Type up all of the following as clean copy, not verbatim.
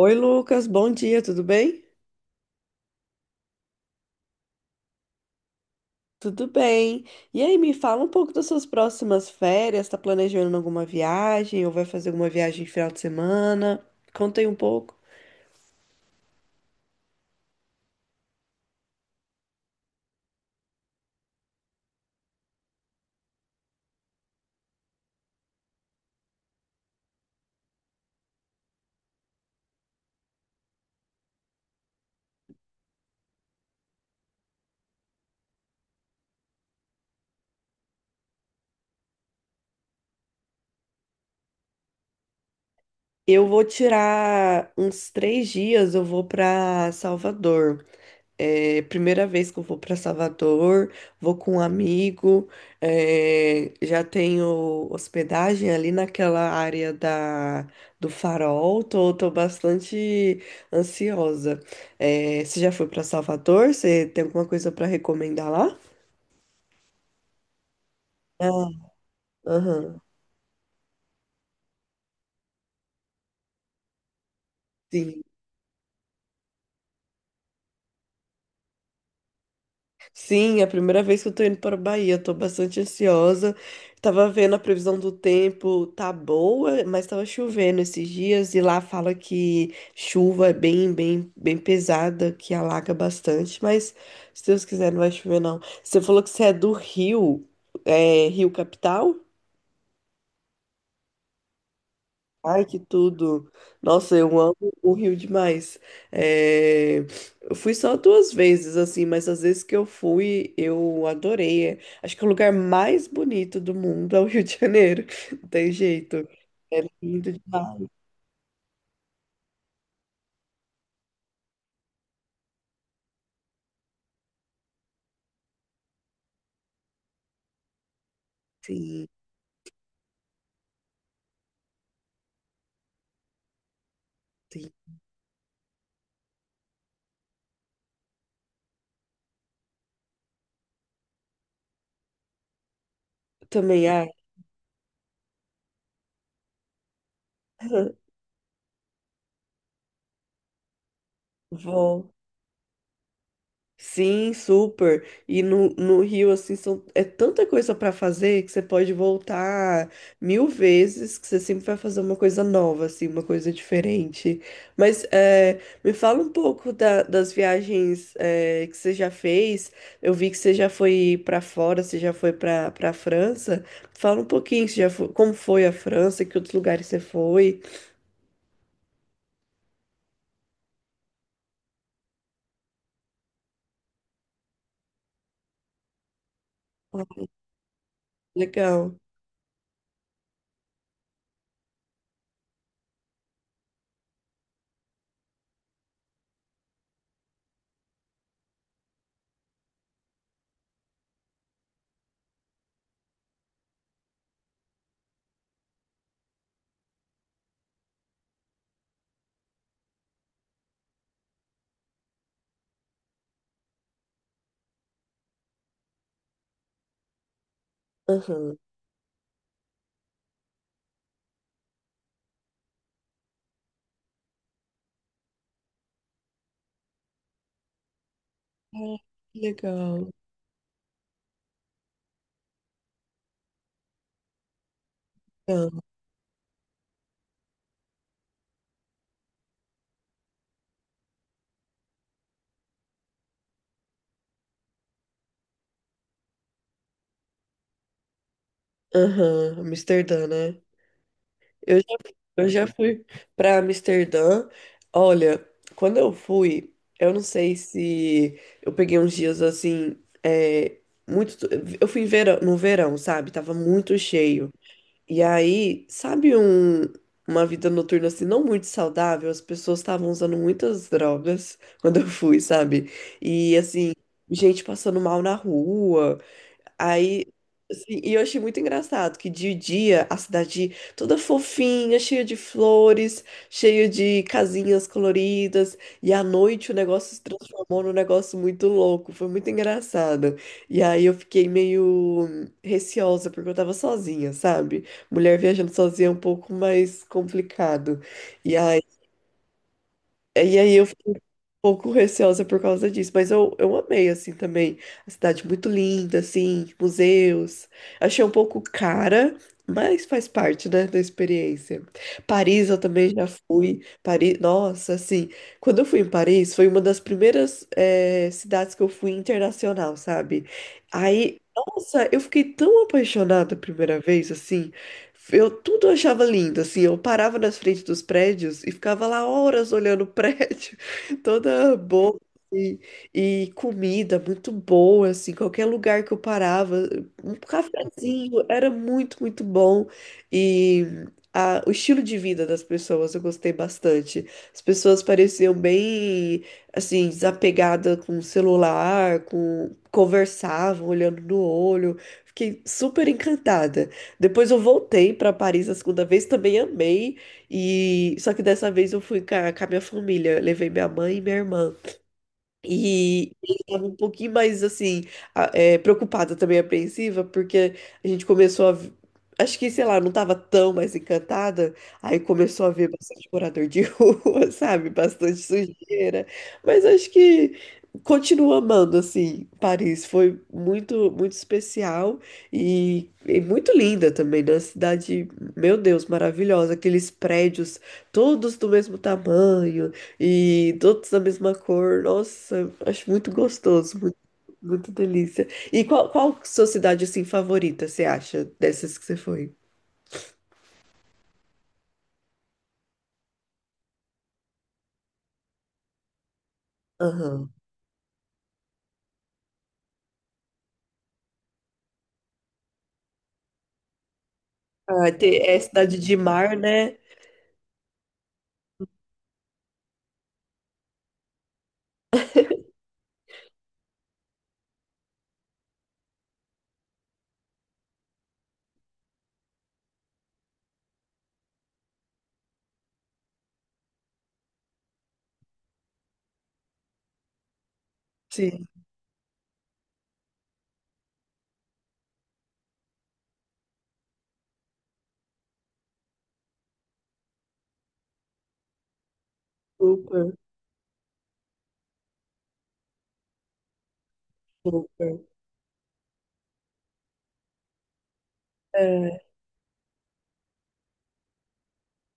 Oi, Lucas, bom dia, tudo bem? Tudo bem. E aí, me fala um pouco das suas próximas férias. Tá planejando alguma viagem ou vai fazer alguma viagem de final de semana? Conta aí um pouco. Eu vou tirar uns 3 dias, eu vou para Salvador. É, primeira vez que eu vou para Salvador, vou com um amigo, é, já tenho hospedagem ali naquela área do Farol, tô bastante ansiosa. É, você já foi para Salvador? Você tem alguma coisa para recomendar lá? Ah, aham, sim. Sim, é a primeira vez que eu tô indo para a Bahia, tô bastante ansiosa. Tava vendo a previsão do tempo, tá boa, mas tava chovendo esses dias e lá fala que chuva é bem, bem, bem pesada, que alaga bastante, mas se Deus quiser não vai chover não. Você falou que você é do Rio, é Rio Capital? Ai, que tudo! Nossa, eu amo o Rio demais. É, eu fui só 2 vezes, assim, mas as vezes que eu fui, eu adorei. É, acho que o lugar mais bonito do mundo é o Rio de Janeiro. Não tem jeito. É lindo demais. Sim, sim. Eu também, ai, vou. Sim, super. E no Rio, assim, é tanta coisa para fazer que você pode voltar 1.000 vezes, que você sempre vai fazer uma coisa nova, assim, uma coisa diferente. Mas é, me fala um pouco das viagens que você já fez. Eu vi que você já foi para fora, você já foi para França. Fala um pouquinho, você já como foi a França, que outros lugares você foi. Ah, legal. Aham. Ah, que legal. Legal. Aham. Amsterdã, né? Eu já, eu já fui para Amsterdã. Olha, quando eu fui, eu não sei se eu peguei uns dias assim, é, muito. Eu fui no verão, sabe? Tava muito cheio. E aí, sabe uma vida noturna assim, não muito saudável? As pessoas estavam usando muitas drogas quando eu fui, sabe? E assim, gente passando mal na rua. Aí, assim, e eu achei muito engraçado que de dia a cidade toda fofinha, cheia de flores, cheia de casinhas coloridas, e à noite o negócio se transformou num negócio muito louco, foi muito engraçado. E aí eu fiquei meio receosa porque eu tava sozinha, sabe? Mulher viajando sozinha é um pouco mais complicado. E aí, e aí eu pouco receosa por causa disso, mas eu amei, assim, também. A cidade muito linda, assim, museus. Achei um pouco cara, mas faz parte, né, da experiência. Paris eu também já fui. Paris, nossa, assim, quando eu fui em Paris, foi uma das primeiras, cidades que eu fui internacional, sabe? Aí, nossa, eu fiquei tão apaixonada a primeira vez, assim. Eu tudo eu achava lindo, assim, eu parava nas frentes dos prédios e ficava lá horas olhando o prédio toda boa e, e comida muito boa, assim, qualquer lugar que eu parava, um cafezinho era muito, muito bom e o estilo de vida das pessoas eu gostei bastante. As pessoas pareciam bem, assim, desapegadas com o celular, com conversavam olhando no olho. Fiquei super encantada. Depois eu voltei para Paris a segunda vez, também amei. E só que dessa vez eu fui com a minha família, levei minha mãe e minha irmã. E eles estavam um pouquinho mais assim, preocupada também, apreensiva, porque a gente começou a. Acho que, sei lá, não tava tão mais encantada. Aí começou a ver bastante morador de rua, sabe? Bastante sujeira. Mas acho que continuo amando, assim, Paris. Foi muito, muito especial e muito linda também, né? Cidade, meu Deus, maravilhosa. Aqueles prédios todos do mesmo tamanho e todos da mesma cor. Nossa, acho muito gostoso, muito, muito delícia. E qual sua cidade assim favorita, você acha, dessas que você foi? Aham. Ah, tem, é cidade de mar, né? Sim, super, super. É.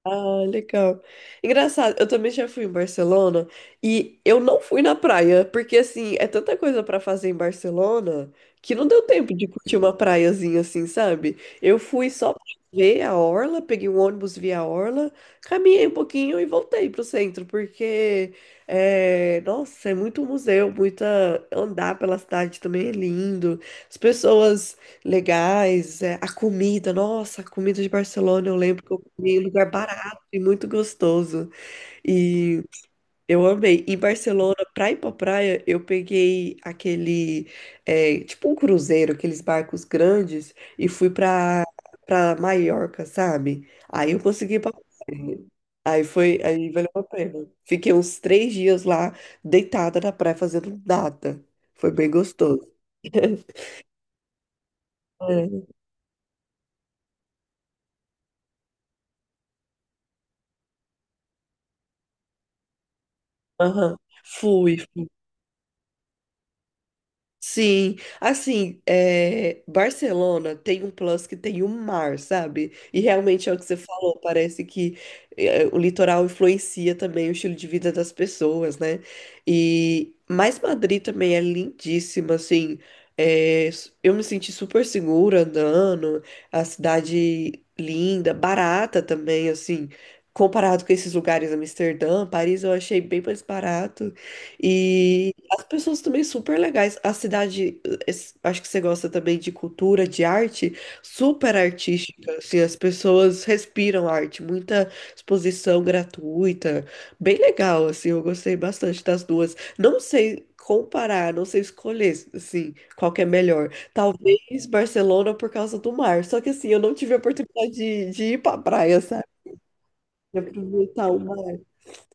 Ah, legal. Engraçado, eu também já fui em Barcelona e eu não fui na praia, porque assim, é tanta coisa pra fazer em Barcelona que não deu tempo de curtir uma praiazinha assim, sabe? Eu fui só pra ver a orla, peguei um ônibus, vi a orla, caminhei um pouquinho e voltei pro centro, porque nossa, é muito museu, muita andar pela cidade também é lindo. As pessoas legais, a comida, nossa, a comida de Barcelona, eu lembro que eu comi em lugar e muito gostoso. E eu amei. Em Barcelona, pra ir pra praia, eu peguei aquele, tipo um cruzeiro, aqueles barcos grandes, e fui pra Maiorca, sabe? Aí eu consegui ir pra praia. Aí foi, aí valeu a pena. Fiquei uns 3 dias lá, deitada na praia, fazendo nada. Foi bem gostoso. É. Aham. Fui. Sim, assim, Barcelona tem um plus que tem o mar, sabe? E realmente é o que você falou, parece que o litoral influencia também o estilo de vida das pessoas, né? E mas Madrid também é lindíssima, assim, eu me senti super segura andando, a cidade linda, barata também, assim, comparado com esses lugares, Amsterdã, Paris, eu achei bem mais barato. E as pessoas também super legais. A cidade, acho que você gosta também de cultura, de arte, super artística. Assim, as pessoas respiram arte, muita exposição gratuita. Bem legal, assim, eu gostei bastante das duas. Não sei comparar, não sei escolher, assim, qual que é melhor. Talvez Barcelona por causa do mar. Só que, assim, eu não tive a oportunidade de ir pra praia, sabe? De aproveitar o mar.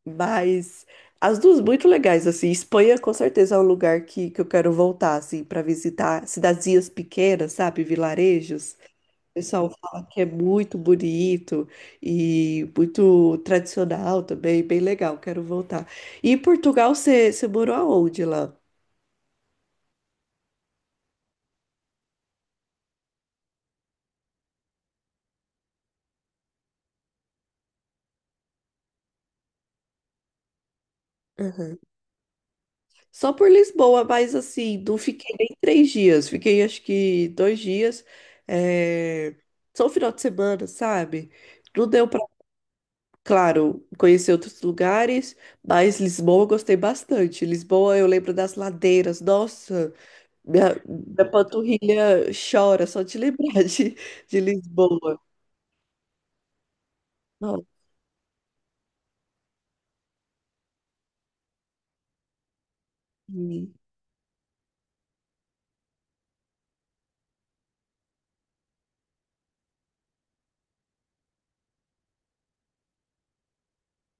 Mas as duas muito legais, assim. Espanha com certeza é um lugar que eu quero voltar, assim, para visitar cidadezinhas pequenas, sabe? Vilarejos. O pessoal fala que é muito bonito e muito tradicional também, bem legal, quero voltar. E em Portugal, você morou aonde lá? Aham. Só por Lisboa, mas assim, não fiquei nem 3 dias, fiquei acho que 2 dias, é, só o final de semana, sabe? Não deu pra, claro, conhecer outros lugares, mas Lisboa eu gostei bastante. Lisboa eu lembro das ladeiras, nossa, minha panturrilha chora só de lembrar de Lisboa. Nossa.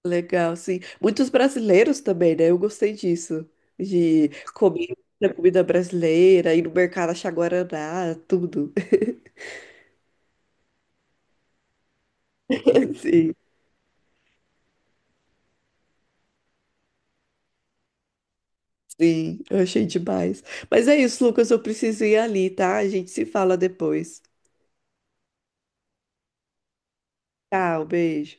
Legal, sim. Muitos brasileiros também, né? Eu gostei disso. De comer a comida brasileira, ir no mercado achar guaraná, tudo. Sim, sim, eu achei demais. Mas é isso, Lucas, eu preciso ir ali, tá? A gente se fala depois. Tchau, beijo.